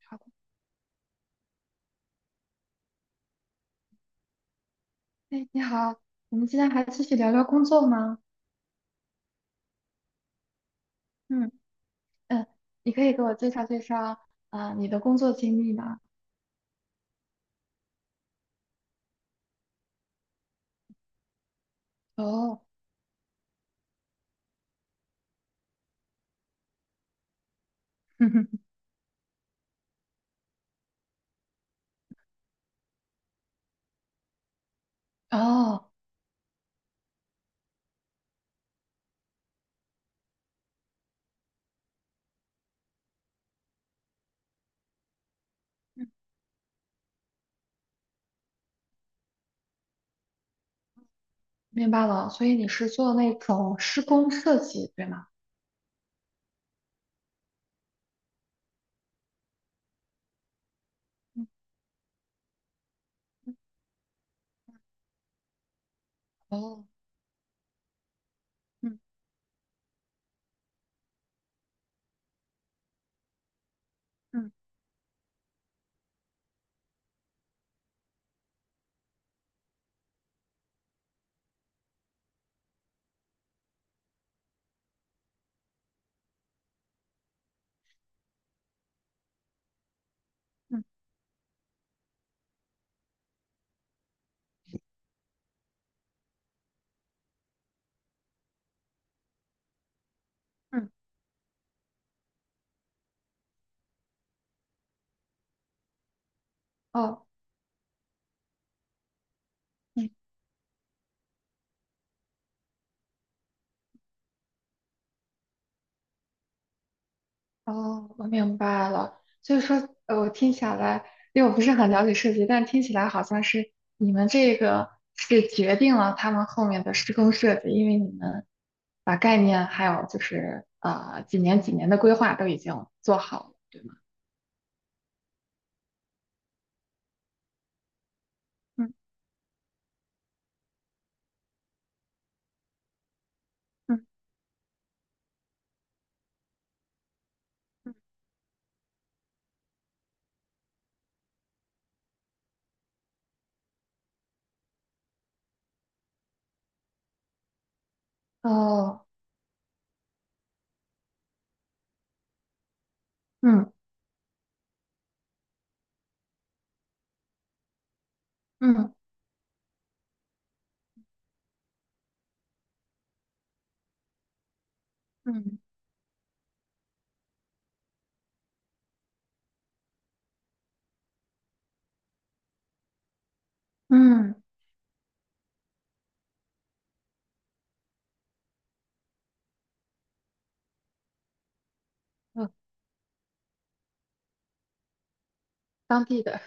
好的。哎，你好，我们今天还继续聊聊工作吗？嗯，嗯，你可以给我介绍介绍啊、你的工作经历吗？哦。 哦，嗯明白了，所以你是做那种施工设计，对吗？嗯，嗯，哦，嗯，嗯，嗯，嗯，哦，嗯，哦，我明白了。所以说，我听起来，因为我不是很了解设计，但听起来好像是你们这个是决定了他们后面的施工设计，因为你们把概念还有就是几年几年的规划都已经做好了，对吗？嗯，嗯，嗯，哦，嗯，嗯，嗯，嗯，嗯，当地的。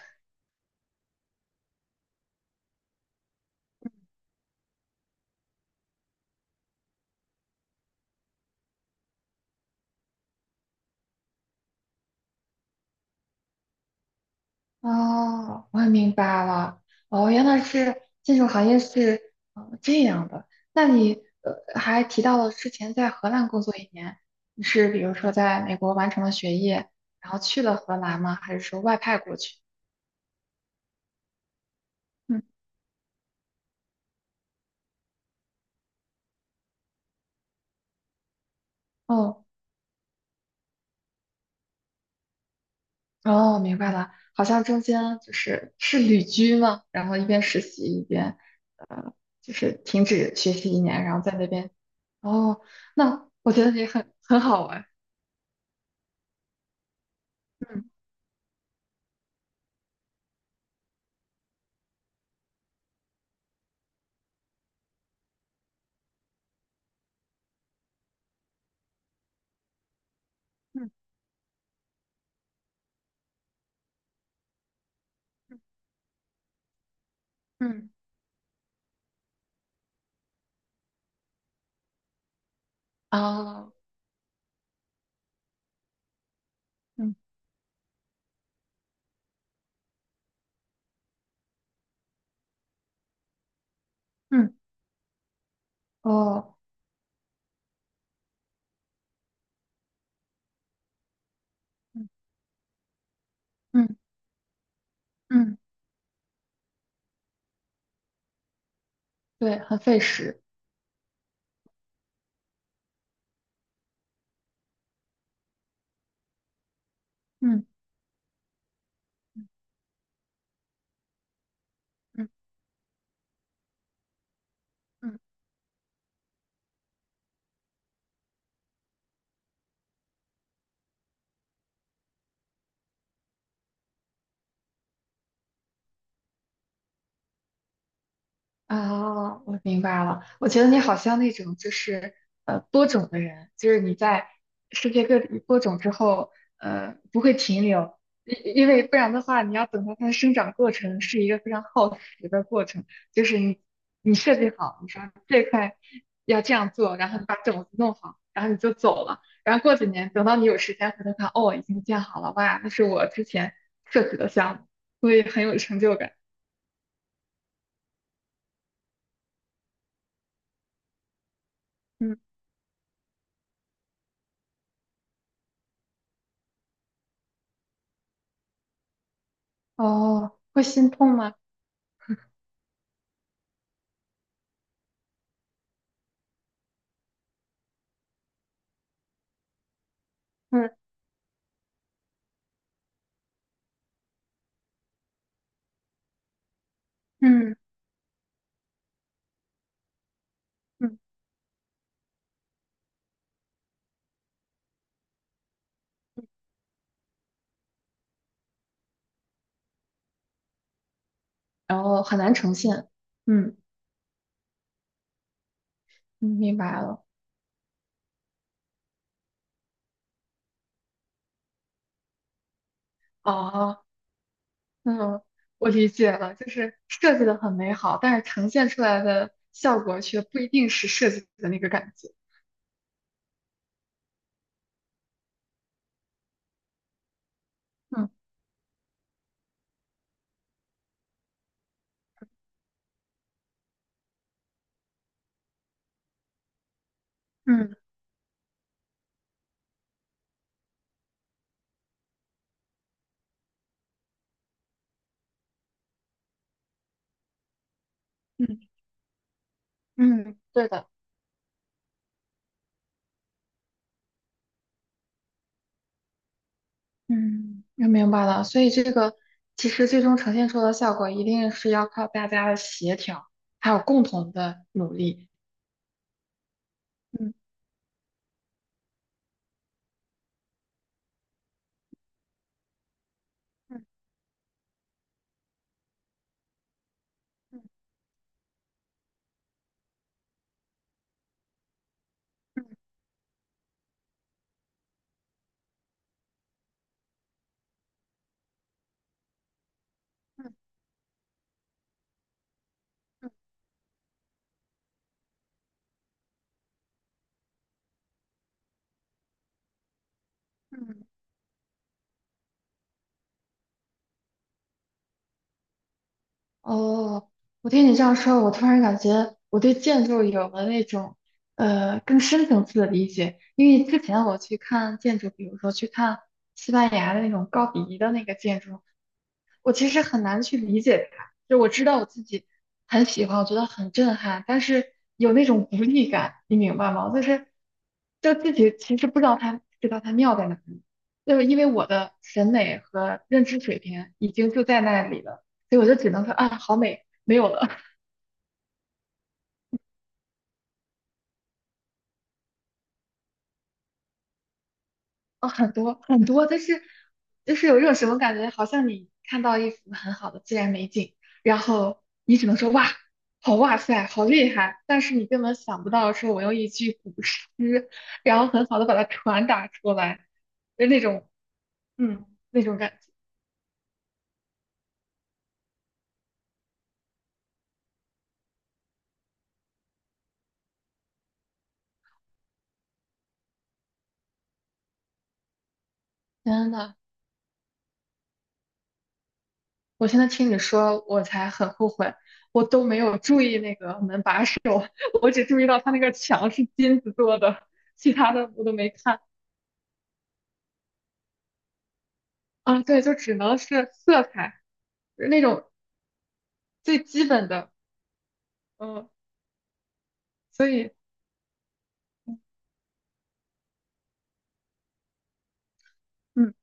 哦，我明白了。哦，原来是建筑行业是这样的。那你还提到了之前在荷兰工作一年，你是比如说在美国完成了学业，然后去了荷兰吗？还是说外派过去？嗯，哦，哦，明白了，好像中间就是旅居吗？然后一边实习一边，呃，就是停止学习一年，然后在那边。哦，那我觉得也很好玩。嗯，嗯，嗯，啊，嗯，嗯，哦，嗯，嗯，嗯，对，很费时。嗯，嗯，嗯。啊，我明白了。我觉得你好像那种就是播种的人，就是你在世界各地播种之后，不会停留，因为不然的话，你要等到它的生长过程是一个非常耗时的过程。就是你设计好，你说这块要这样做，然后你把种子弄好，然后你就走了。然后过几年，等到你有时间回头看，哦，已经建好了，哇，那是我之前设计的项目，所以很有成就感。嗯，哦，会心痛吗？嗯，嗯，嗯，然后很难呈现。嗯，嗯明白了。哦，嗯，我理解了，就是设计的很美好，但是呈现出来的效果却不一定是设计的那个感觉。嗯，嗯，嗯，嗯，对的。嗯，我明白了。所以这个其实最终呈现出的效果，一定是要靠大家的协调，还有共同的努力。嗯，嗯，嗯，嗯。哦，我听你这样说，我突然感觉我对建筑有了那种更深层次的理解。因为之前我去看建筑，比如说去看西班牙的那种高迪的那个建筑，我其实很难去理解它。就我知道我自己很喜欢，我觉得很震撼，但是有那种无力感，你明白吗？就是自己其实不知道它妙在哪里，就是因为我的审美和认知水平已经就在那里了。所以我就只能说啊，好美，没有了。啊，很多很多，但是就是有一种什么感觉，好像你看到一幅很好的自然美景，然后你只能说哇，好哇塞，好厉害，但是你根本想不到说我用一句古诗，然后很好的把它传达出来，就那种嗯那种感觉。真的，我现在听你说，我才很后悔。我都没有注意那个门把手，我只注意到它那个墙是金子做的，其他的我都没看。啊，对，就只能是色彩，就是那种最基本的。嗯，所以，嗯，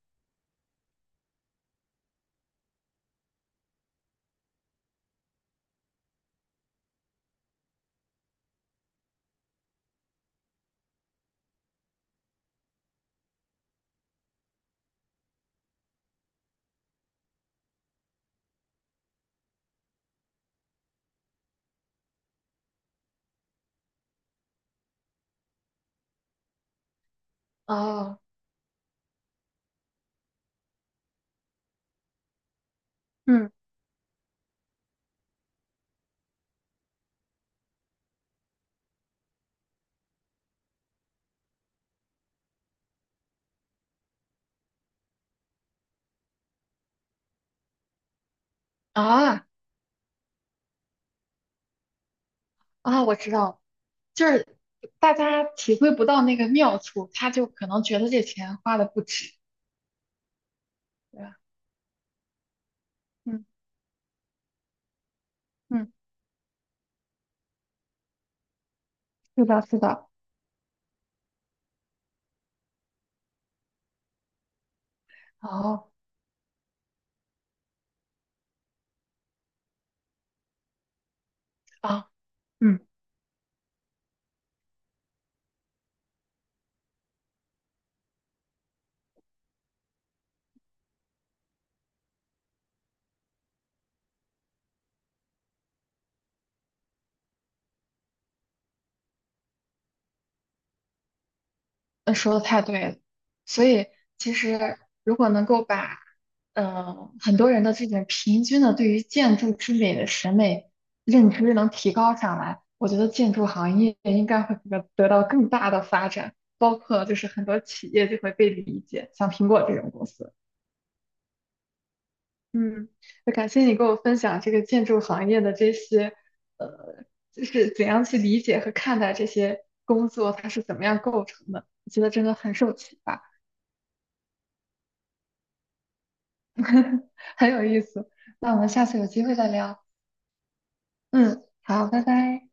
啊，嗯，啊，啊，我知道了，就是大家体会不到那个妙处，他就可能觉得这钱花的不值，对吧？嗯，嗯，是的，是的，好啊，嗯。那说的太对了，所以其实如果能够把，很多人的这种平均的对于建筑之美的审美认知能提高上来，我觉得建筑行业应该会得到更大的发展，包括就是很多企业就会被理解，像苹果这种公司。嗯，那感谢你给我分享这个建筑行业的这些，呃，就是怎样去理解和看待这些工作，它是怎么样构成的，我觉得真的很受启发。很有意思。那我们下次有机会再聊。嗯，好，拜拜。